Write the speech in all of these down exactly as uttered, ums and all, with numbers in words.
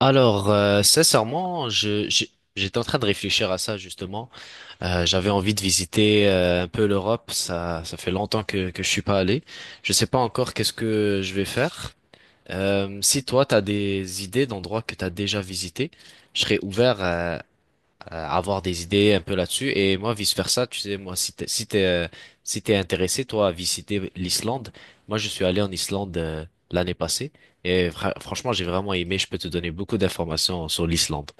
Alors, euh, sincèrement, je, je- j'étais en train de réfléchir à ça justement. Euh, j'avais envie de visiter euh, un peu l'Europe. Ça, ça fait longtemps que que je suis pas allé. Je sais pas encore qu'est-ce que je vais faire. Euh, si toi, t'as des idées d'endroits que t'as déjà visités, je serais ouvert euh, avoir des idées un peu là-dessus. Et moi, vice-versa, tu sais, moi, si t'es, si t'es, euh, si t'es intéressé, toi, à visiter l'Islande, moi, je suis allé en Islande euh, l'année passée et fra- franchement, j'ai vraiment aimé. Je peux te donner beaucoup d'informations sur l'Islande.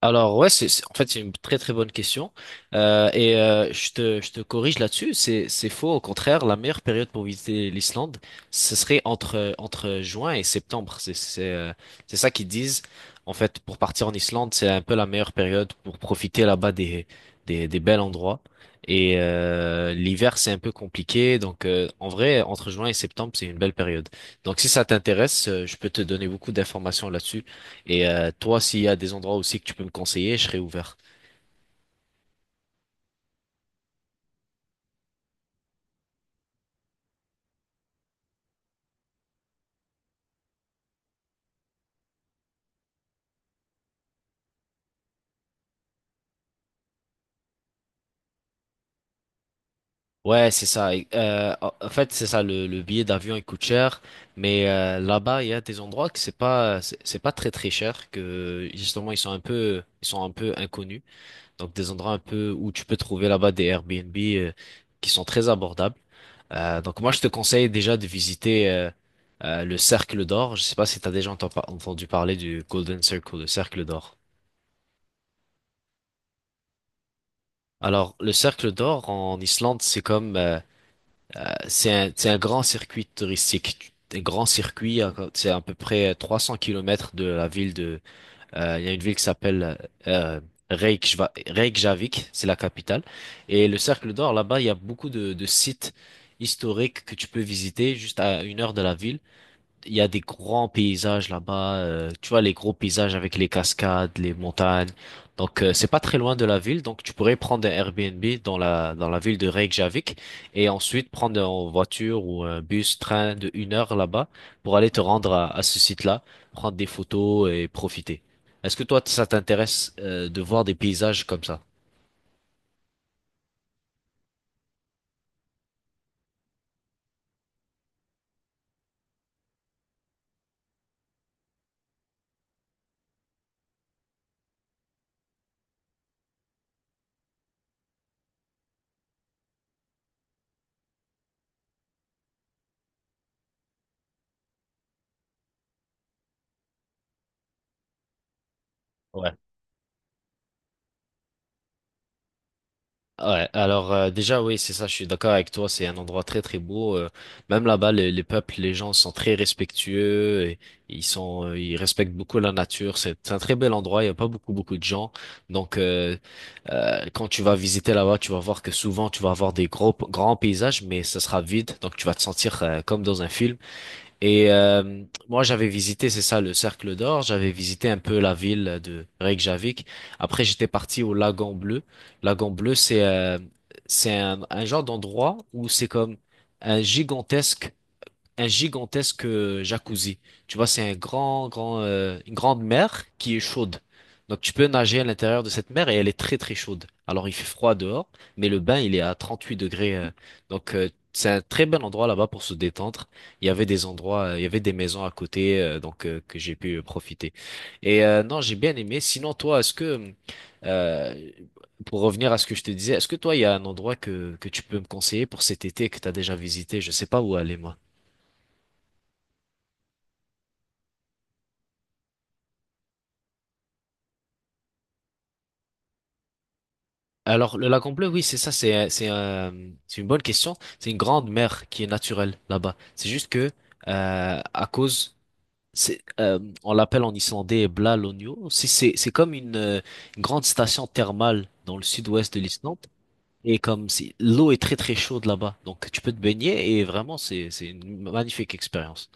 Alors ouais, c'est c'est- en fait c'est une très très bonne question. Euh, et euh, je te je te corrige là-dessus, c'est c'est faux au contraire, la meilleure période pour visiter l'Islande, ce serait entre entre juin et septembre, c'est c'est euh, c'est ça qu'ils disent en fait. Pour partir en Islande, c'est un peu la meilleure période pour profiter là-bas des des des bels endroits, et euh, l'hiver c'est un peu compliqué, donc euh, en vrai entre juin et septembre c'est une belle période. Donc si ça t'intéresse, euh, je peux te donner beaucoup d'informations là-dessus. Et euh, toi, s'il y a des endroits aussi que tu peux me conseiller, je serai ouvert. Ouais, c'est ça. Et, euh, en en fait, c'est ça, le, le billet d'avion il coûte cher, mais euh, là-bas, il y a des endroits que c'est pas c'est c'est pas très très cher, que justement ils sont un peu ils sont un peu inconnus. Donc des endroits un peu où tu peux trouver là-bas des Airbnb euh, qui sont très abordables. Euh, donc moi, je te conseille déjà de visiter euh, euh, le Cercle d'Or. Je sais pas si tu as déjà enten- entendu parler du Golden Circle, le Cercle d'Or. Alors, le Cercle d'Or en Islande, c'est comme euh, c'est un, c'est un grand circuit touristique. Un grand circuit, hein, c'est à peu près trois cents kilomètres de la ville de... euh, il y a une ville qui s'appelle euh, Reykjava- Reykjavik, c'est la capitale. Et le Cercle d'Or, là-bas, il y a beaucoup de, de sites historiques que tu peux visiter juste à une heure de la ville. Il y a des grands paysages là-bas, euh, tu vois les gros paysages avec les cascades, les montagnes. Donc euh, c'est pas très loin de la ville, donc tu pourrais prendre un Airbnb dans la dans la ville de Reykjavik et ensuite prendre en voiture ou un bus, train de une heure là-bas pour aller te rendre à, à ce site-là, prendre des photos et profiter. Est-ce que toi ça t'intéresse euh, de voir des paysages comme ça? Ouais. Ouais, alors euh, déjà oui, c'est ça, je suis d'accord avec toi, c'est un endroit très très beau. Euh, même là-bas, les, les peuples, les gens sont très respectueux, et ils sont, euh, ils respectent beaucoup la nature. C'est c'est un très bel endroit, il y a pas beaucoup beaucoup de gens. Donc euh, euh, quand tu vas visiter là-bas, tu vas voir que souvent tu vas avoir des gros grands paysages, mais ça sera vide, donc tu vas te sentir euh, comme dans un film. Et euh, moi, j'avais visité, c'est ça, le Cercle d'Or. J'avais visité un peu la ville de Reykjavik. Après, j'étais parti au Lagan Bleu. Lagan Bleu, c'est euh, c'est un, un genre d'endroit où c'est comme un gigantesque un gigantesque euh, jacuzzi. Tu vois, c'est un grand, grand, euh, une grande mer qui est chaude. Donc tu peux nager à l'intérieur de cette mer et elle est très très chaude. Alors il fait froid dehors, mais le bain il est à trente huit degrés. Euh, donc euh, c'est un très bel endroit là-bas pour se détendre. Il y avait des endroits, euh, il y avait des maisons à côté, euh, donc euh, que j'ai pu euh, profiter. Et euh, non, j'ai bien aimé. Sinon toi, est-ce que euh, pour revenir à ce que je te disais, est-ce que toi il y a un endroit que que tu peux me conseiller pour cet été que t'as déjà visité? Je sais pas où aller moi. Alors, le lac en bleu, oui, c'est ça, c'est, c'est, euh, c'est une bonne question. C'est une grande mer qui est naturelle là-bas. C'est juste que, euh, à cause, c'est, euh, on l'appelle en islandais Blalonio. C'est, c'est, c'est comme une, euh, une grande station thermale dans le sud-ouest de l'Islande. Et comme si l'eau est très très chaude là-bas, donc tu peux te baigner et vraiment c'est c'est une magnifique expérience.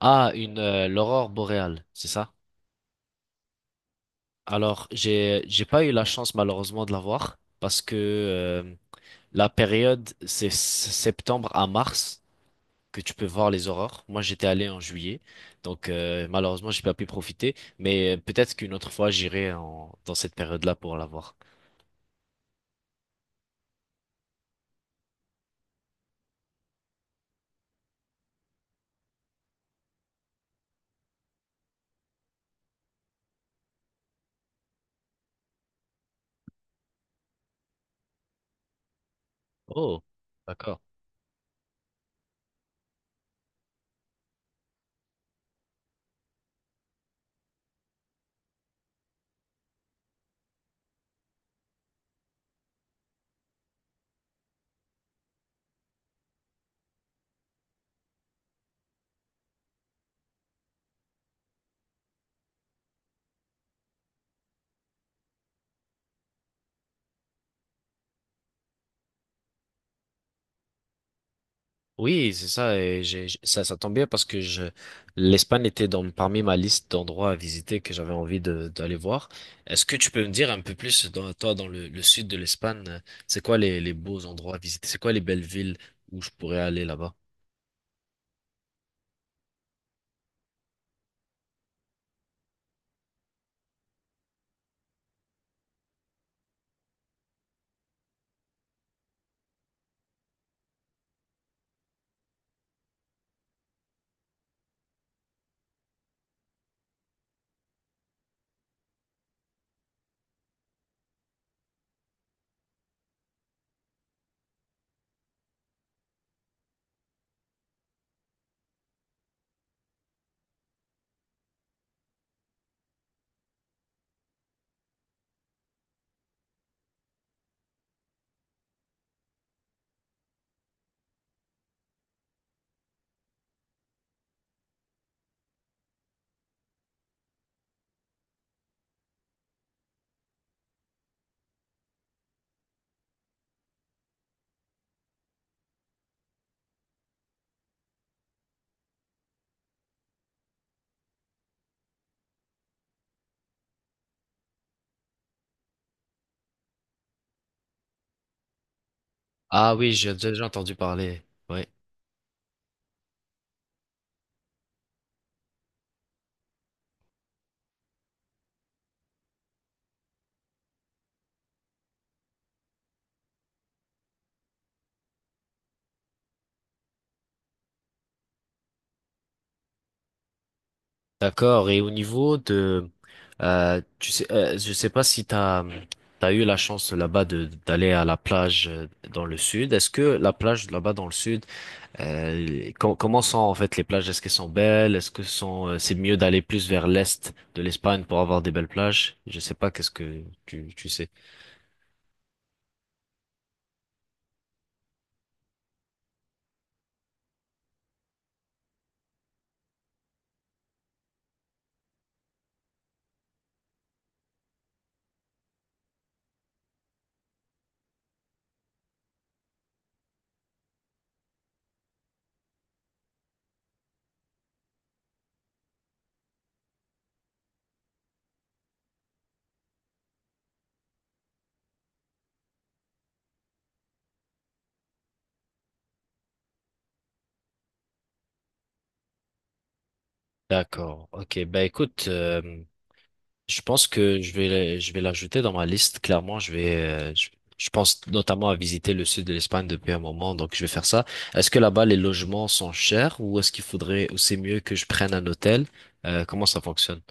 Ah, une euh, l'aurore boréale, c'est ça? Alors j'ai j'ai pas eu la chance malheureusement de la voir parce que euh, la période, c'est s- septembre à mars que tu peux voir les aurores. Moi, j'étais allé en juillet, donc euh, malheureusement, j'ai pas pu profiter. Mais euh, peut-être qu'une autre fois, j'irai en- dans cette période-là pour la voir. Oh, d'accord. Oui, c'est ça. Et j'ai, j'- ça, ça tombe bien parce que je, l'Espagne était dans, parmi ma liste d'endroits à visiter que j'avais envie de, d'aller voir. Est-ce que tu peux me dire un peu plus, dans, toi, dans le, le sud de l'Espagne, euh, c'est quoi les, les beaux endroits à visiter? C'est quoi les belles villes où je pourrais aller là-bas? Ah oui, j'ai déjà entendu parler. Oui. D'accord. Et au niveau de, euh, tu sais, euh, je sais pas si t'as, t'as eu la chance là-bas de d'aller à la plage euh, dans le sud. Est-ce que la plage là-bas dans le sud, euh, com- comment sont en fait les plages? Est-ce qu'elles sont belles? Est-ce que sont, euh, c'est mieux d'aller plus vers l'est de l'Espagne pour avoir des belles plages? Je sais pas. Qu'est-ce que tu, tu sais? D'accord. Ok. Bah écoute. euh, Je pense que je vais, je vais l'ajouter dans ma liste. Clairement, je vais, euh, je, je pense notamment à visiter le sud de l'Espagne depuis un moment, donc je vais faire ça. Est-ce que là-bas les logements sont chers ou est-ce qu'il faudrait, ou c'est mieux que je prenne un hôtel? Euh, comment ça fonctionne?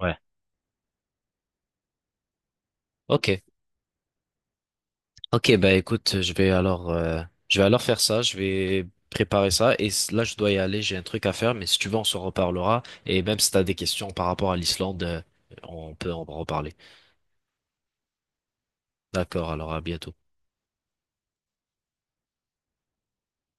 Ouais. Ok, ok, bah écoute, je vais alors, euh, je vais alors faire ça, je vais préparer ça et s- là je dois y aller, j'ai un truc à faire, mais si tu veux on s'en reparlera et même si t'as des questions par rapport à l'Islande, euh, on peut en reparler. D'accord, alors à bientôt.